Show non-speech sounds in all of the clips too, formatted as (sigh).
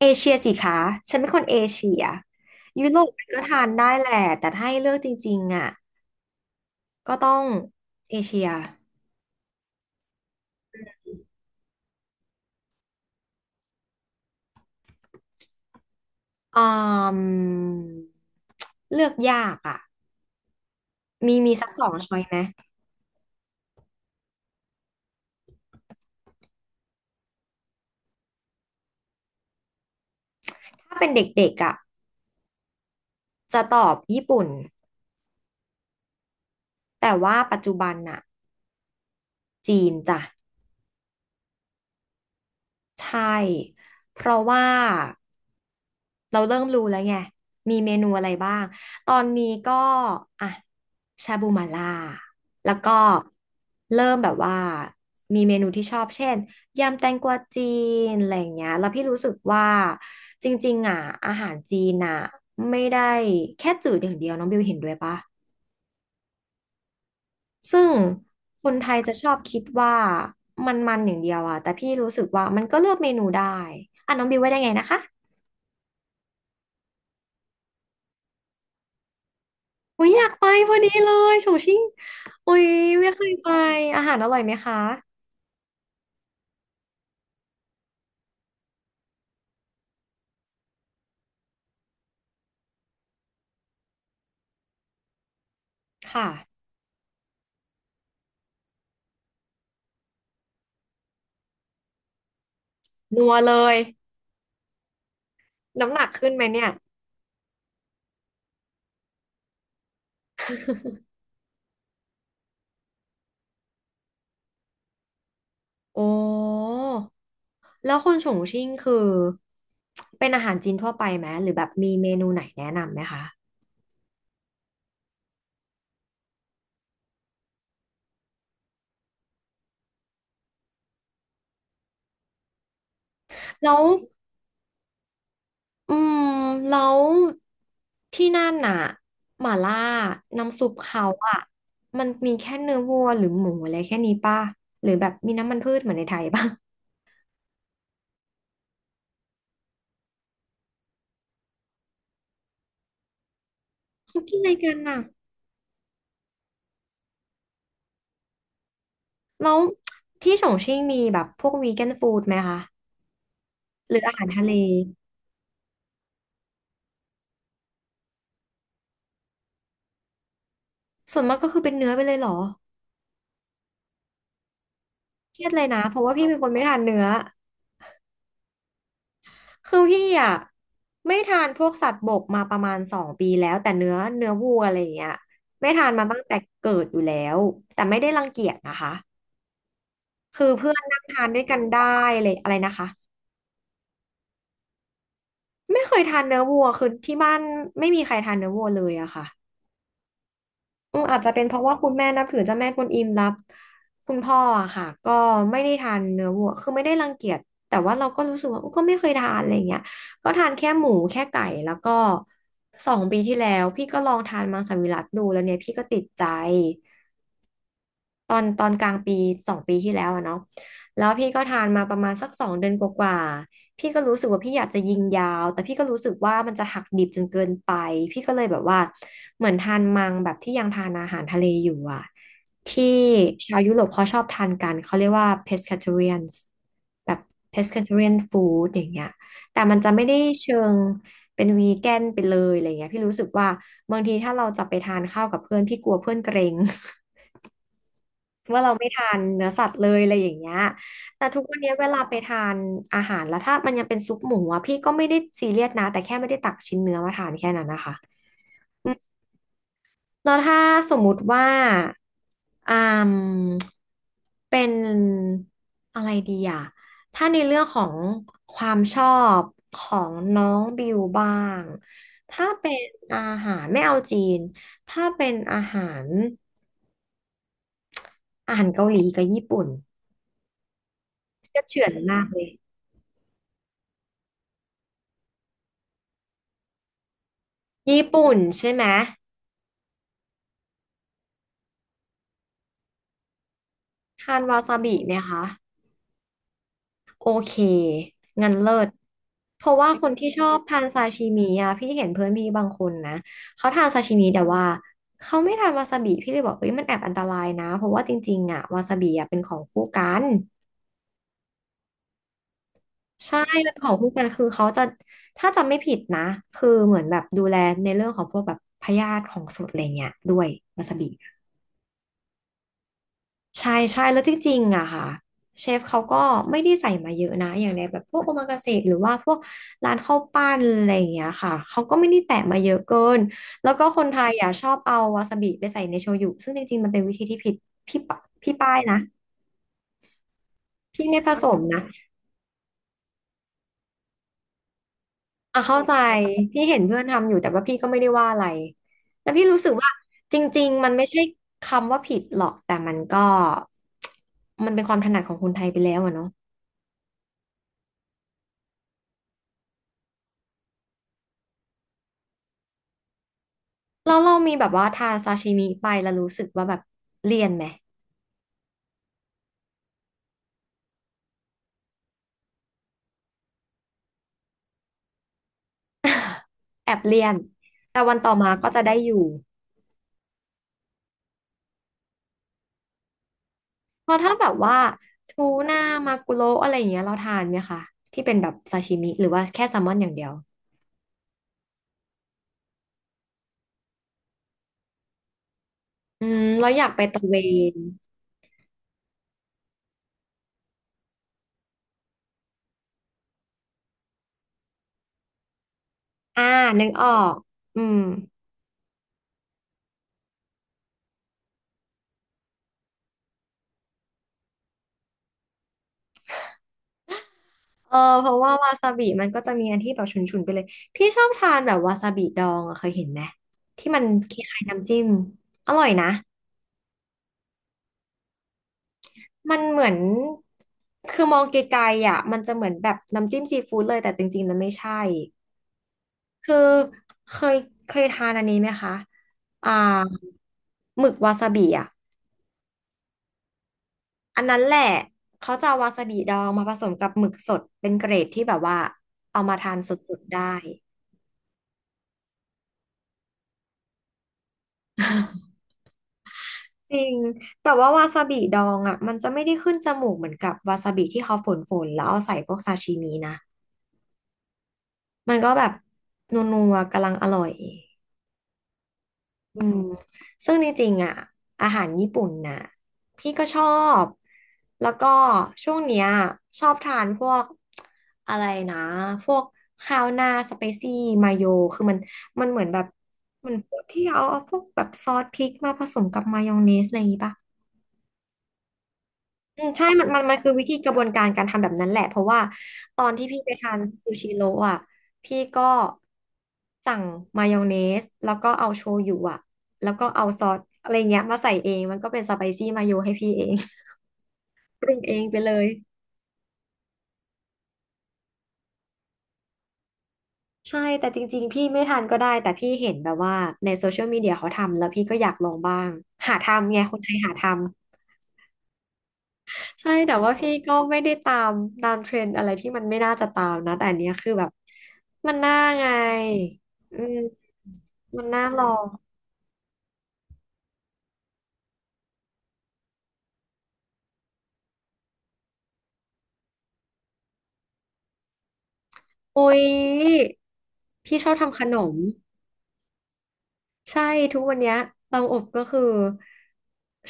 เอเชียสิคะฉันเป็นคนเอเชียยุโรปก็ทานได้แหละ แต่ถ้าให้เลือกจริงๆอ่ะก็ต้องเอเชียอืมเลือกยากอ่ะมีสักสองช้อยไหมถ้าเป็นเด็กๆอ่ะจะตอบญี่ปุ่นแต่ว่าปัจจุบันน่ะจีนจ้ะใช่เพราะว่า เราเริ่มรู้แล้วไง มีเมนูอะไรบ้าง ตอนนี้ก็อ่ะชาบูหม่าล่าแล้วก็เริ่มแบบว่ามีเมนูที่ชอบเช่นยำแตงกวาจีนอะไรอย่างเงี้ยแล้วพี่รู้สึกว่าจริงๆอ่ะอาหารจีนอ่ะไม่ได้แค่จืดอย่างเดียวน้องบิวเห็นด้วยปะซึ่งคนไทยจะชอบคิดว่ามันอย่างเดียวอะแต่พี่รู้สึกว่ามันก็เลือกเมนูได้อ่ะน้องบิวว่าได้ไงนะคะ โอ้ยอยากไปพอดีเลยโฉชิ่งโอ้ยไม่เคยไปอาหารอร่อยไหมคะค่ะนัวเลยน้ำหนักขึ้นไหมเนี่ยโอ้แล้วคนโฉชิ่งคือเป็นอาหารจีนทั่วไปไหมหรือแบบมีเมนูไหนแนะนำไหมคะแล้วอืมแล้วที่นั่นน่ะหม่าล่าน้ำซุปเขาอะมันมีแค่เนื้อวัวหรือหมูอะไรแค่นี้ป่ะหรือแบบมีน้ำมันพืชเหมือนในไทยป่ะ (laughs) เขากินอะไรกันน่ะ แล้วที่ฉงชิ่งมีแบบพวกวีแกนฟู้ดไหมคะหรืออาหารทะเลส่วนมากก็คือเป็นเนื้อไปเลยเหรอเครียดเลยนะเพราะว่าพี่เป็นคนไม่ทานเนื้อคือพี่อ่ะไม่ทานพวกสัตว์บกมาประมาณสองปีแล้วแต่เนื้อวัวอะไรอย่างเงี้ยไม่ทานมาตั้งแต่เกิดอยู่แล้วแต่ไม่ได้รังเกียจนะคะคือเพื่อนนั่งทานด้วยกันได้เลยอะไรนะคะไม่เคยทานเนื้อวัวคือที่บ้านไม่มีใครทานเนื้อวัวเลยอะค่ะ อืมอาจจะเป็นเพราะว่าคุณแม่นับถือเจ้าแม่กวนอิมรับคุณพ่ออะค่ะก็ไม่ได้ทานเนื้อวัวคือไม่ได้รังเกียจแต่ว่าเราก็รู้สึกว่าก็ไม่เคยทานอะไรเงี้ยก็ทานแค่หมูแค่ไก่แล้วก็สองปีที่แล้วพี่ก็ลองทานมังสวิรัติดูแล้วเนี่ยพี่ก็ติดใจ ตอนกลางปี2 ปีที่แล้วอะเนาะแล้วพี่ก็ทานมาประมาณสัก2 เดือนกว่าๆพี่ก็รู้สึกว่าพี่อยากจะยิงยาว แต่พี่ก็รู้สึกว่ามันจะหักดิบจนเกินไป พี่ก็เลยแบบว่าเหมือนทานมังแบบที่ยังทานอาหารทะเลอยู่อะ ที่ชาวยุโรปเขาชอบทานกัน เขาเรียกว่า pescatarians แบบ pescatarian food อย่างเงี้ยแต่มันจะไม่ได้เชิงเป็นวีแกนไปเลยอะไรเงี้ยพี่รู้สึกว่าบางทีถ้าเราจะไปทานข้าวกับเพื่อนพี่กลัวเพื่อนเกรง ว่าเราไม่ทานเนื้อสัตว์เลยอะไรอย่างเงี้ยแต่ทุกวันเนี้ยเวลาไปทานอาหารแล้วถ้ามันยังเป็นซุปหมูอ่ะพี่ก็ไม่ได้ซีเรียสนะแต่แค่ไม่ได้ตักชิ้นเนื้อมาทานแค่นั้นนะคะอืมแล้วถ้าสมมุติว่าอืมเป็นอะไรดีอ่ะถ้าในเรื่องของความชอบของน้องบิวบ้าง ถ้าเป็นอาหารไม่เอาจีนถ้าเป็นอาหารอาหารเกาหลีกับญี่ปุ่นก็เฉือนมากเลย ญี่ปุ่นใช่ไหมทานวาซาบิไหมคะโอเคงั้นเลิศเพราะว่าคนที่ชอบทานซาชิมิอะพี่เห็นเพื่อนพี่บางคนนะเขาทานซาชิมิแต่ว่าเขาไม่ทานวาซาบิพี่เลยบอกเอ้ยมันแอบอันตรายนะเพราะว่าจริงๆอะวาซาบิอะเป็นของคู่กันใช่เป็นของคู่กันคือเขาจะถ้าจำไม่ผิดนะคือเหมือนแบบดูแลในเรื่องของพวกแบบพยาธิของสดอะไรเงี้ยด้วยวาซาบิ ใช่ใช่แล้วจริงๆอะค่ะเชฟเขาก็ไม่ได้ใส่มาเยอะนะอย่างในแบบพวกโอมากาเสะหรือว่าพวกร้านข้าวปั้นอะไรอย่างเงี้ยค่ะเขาก็ไม่ได้แตะมาเยอะเกินแล้วก็คนไทยอะชอบเอาวาซาบิไปใส่ในโชยุซึ่งจริงๆมันเป็นวิธีที่ผิดพี่ปะพี่ป้ายนะพี่ไม่ผสมนะอ่ะเข้าใจพี่เห็นเพื่อนทำอยู่แต่ว่าพี่ก็ไม่ได้ว่าอะไรแต่พี่รู้สึกว่าจริงๆมันไม่ใช่คำว่าผิดหรอกแต่มันก็มันเป็นความถนัดของคนไทยไปแล้วอะเนาะ แล้วเรามีแบบว่าทานซาชิมิไปแล้วรู้สึกว่าแบบเลี่ยนไหมแอบเลี่ยนแต่วันต่อมาก็จะได้อยู่เพราะถ้าแบบว่าทูน่ามากุโระอะไรอย่างเงี้ยเราทานไหมคะที่เป็นแบบซาชิมิหรือว่าแค่แซลมอนอย่างเดียวอืมเราอยากไปตะเวนอ่านึกออกอืมเออเพราะว่าวาซาบิมันก็จะมีอันที่แบบฉุนๆไปเลยพี่ชอบทานแบบวาซาบิดองอะเคยเห็นไหมที่มันคล้ายๆน้ำจิ้มอร่อยนะ มันเหมือนคือมองไกลๆอ่ะมันจะเหมือนแบบน้ำจิ้มซีฟู้ดเลยแต่จริงๆมันไม่ใช่คือเคยเคยทานอันนี้ไหมคะอ่าหมึกวาซาบิอ่ะอันนั้นแหละเขาจะเอาวาซาบิดองมาผสมกับหมึกสดเป็นเกรดที่แบบว่าเอามาทานสดๆได้ (laughs) จริงแต่ว่าวาซาบิดองอ่ะมันจะไม่ได้ขึ้นจมูกเหมือนกับวาซาบิที่เขาฝนๆแล้วเอาใส่พวกซาชิมินะมันก็แบบนัวๆกำลังอร่อย ซึ่งจริงๆอ่ะอาหารญี่ปุ่นน่ะพี่ก็ชอบแล้วก็ช่วงเนี้ยชอบทานพวกอะไรนะพวกข้าวหน้าสเปซี่มาโยคือมันเหมือนแบบมันพวกที่เอาพวกแบบซอสพริกมาผสมกับมายองเนสอะไรอย่างงี้ปะ อืมใช่มันมันคือวิธีกระบวนการการทำแบบนั้นแหละเพราะว่าตอนที่พี่ไปทานซูชิโร่อะพี่ก็สั่งมายองเนสแล้วก็เอาโชยุอะแล้วก็เอาซอสอะไรเงี้ยมาใส่เองมันก็เป็นสไปซี่มาโยให้พี่เอง (laughs) ปรุงเองไปเลยใช่แต่จริงๆพี่ไม่ทานก็ได้แต่พี่เห็นแบบว่าในโซเชียลมีเดียเขาทำแล้วพี่ก็อยากลองบ้างหาทำไงคนไทยหาทำ ใช่แต่ว่าพี่ก็ไม่ได้ตามเทรนด์อะไรที่มันไม่น่าจะตามนะแต่อันเนี้ยคือแบบมันน่าไงอืมมันน่าลองอุ๊ยพี่ชอบทำขนมใช่ทุกวันเนี้ยเตาอบก็คือ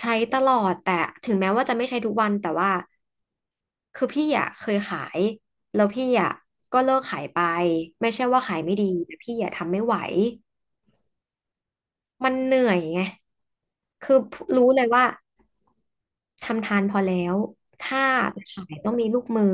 ใช้ตลอดแต่ถึงแม้ว่าจะไม่ใช้ทุกวันแต่ว่าคือพี่อ่ะเคยขายแล้วพี่อ่ะก็เลิกขายไปไม่ใช่ว่าขายไม่ดีแต่พี่อ่ะทำไม่ไหวมันเหนื่อยไง คือรู้เลยว่าทำทานพอแล้วถ้าจะขายต้องมีลูกมือ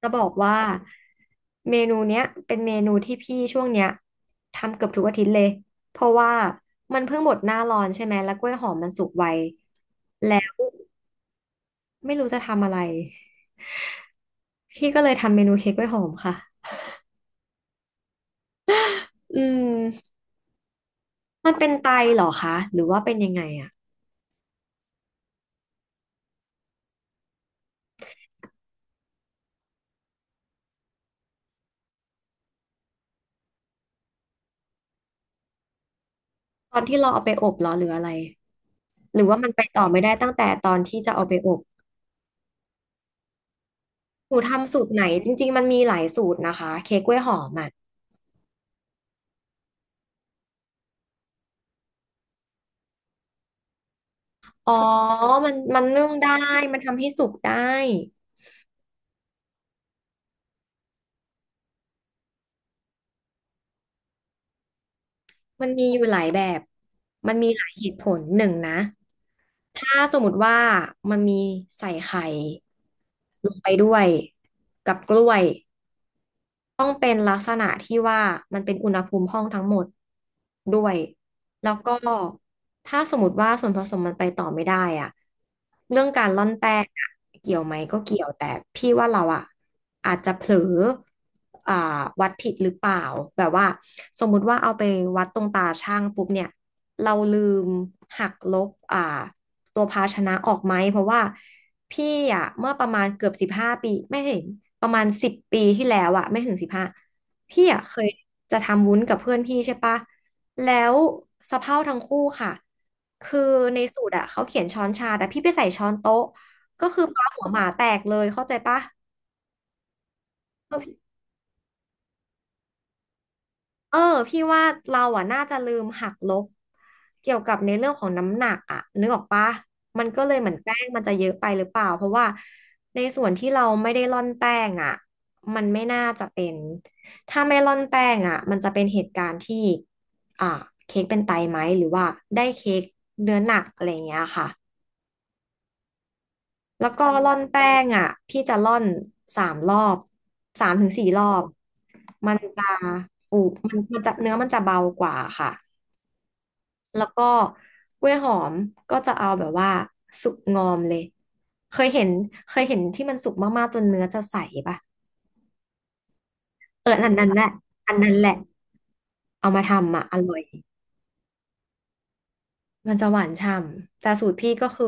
แล้บอกว่าเมนูเนี้ยเป็นเมนูที่พี่ช่วงเนี้ยทำเกือบทุกอาทิตย์เลยเพราะว่ามันเพิ่งหมดหน้าร้อนใช่ไหมแล้วกล้วยหอมมันสุกไวแล้วไม่รู้จะทำอะไรพี่ก็เลยทำเมนูเค้กกล้วยหอมค่ะอืมมันเป็นไตเหรอคะหรือว่าเป็นยังไงอะตอนที่เราเอาไปอบเหรอหรืออะไรหรือว่ามันไปต่อไม่ได้ตั้งแต่ตอนที่จะเอาไปอบ หนูทำสูตรไหนจริงๆมันมีหลายสูตรนะคะเค้กกล้วยหอมอ่ะอ๋อมันมันนึ่งได้มันทำให้สุกได้มันมีอยู่หลายแบบมันมีหลายเหตุผลหนึ่งนะถ้าสมมติว่ามันมีใส่ไข่ลงไปด้วยกับกล้วย ต้องเป็นลักษณะที่ว่ามันเป็นอุณหภูมิห้องทั้งหมดด้วยแล้วก็ถ้าสมมติว่าส่วนผสมมันไปต่อไม่ได้อะเรื่องการร่อนแป้งอะเกี่ยวไหมก็เกี่ยวแต่พี่ว่าเราอะอาจจะเผลออ่าวัดผิดหรือเปล่าแบบว่าสมมุติว่าเอาไปวัดตรงตาช่างปุ๊บเนี่ยเราลืมหักลบอ่าตัวภาชนะออกไหมเพราะว่า พี่อะเมื่อประมาณเกือบ15 ปีไม่เห็นประมาณ10 ปีที่แล้วอะไม่ถึงสิบห้าพี่อะเคยจะทำวุ้นกับเพื่อนพี่ใช่ปะแล้วสะเพร่าทั้งคู่ค่ะคือในสูตรอะเขาเขียนช้อนชาแต่พี่ไปใส่ช้อนโต๊ะก็คือปลาหัวหมาแตกเลยเข้าใจปะ เออพี่ว่าเราอ่ะน่าจะลืมหักลบเกี่ยวกับในเรื่องของน้ำหนักอ่ะนึกออกปะมันก็เลยเหมือนแป้งมันจะเยอะไปหรือเปล่าเพราะว่าในส่วนที่เราไม่ได้ร่อนแป้งอ่ะมันไม่น่าจะเป็นถ้าไม่ร่อนแป้งอ่ะมันจะเป็นเหตุการณ์ที่อ่าเค้กเป็นไตไหมหรือว่าได้เค้กเนื้อหนักอะไรอย่างเงี้ยค่ะแล้วก็ร่อนแป้งอ่ะพี่จะร่อน3 รอบ3-4 รอบมันจะอูมันมันจะเนื้อมันจะเบากว่าค่ะ แล้วก็กล้วยหอมก็จะเอาแบบว่าสุกงอมเลยเคยเห็นเคยเห็นที่มันสุกมากๆจนเนื้อจะใสป่ะเอออันนั้นแหละอันนั้นแหละเอามาทำอ่ะอร่อยมันจะหวานฉ่ำแต่สูตรพี่ก็คือ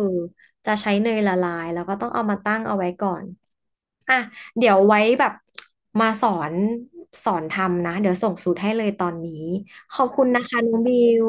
จะใช้เนยละลายแล้วก็ต้องเอามาตั้งเอาไว้ก่อนอ่ะเดี๋ยวไว้แบบมาสอนสอนทำนะเดี๋ยวส่งสูตรให้เลยตอนนี้ขอบคุณนะคะน้องบิว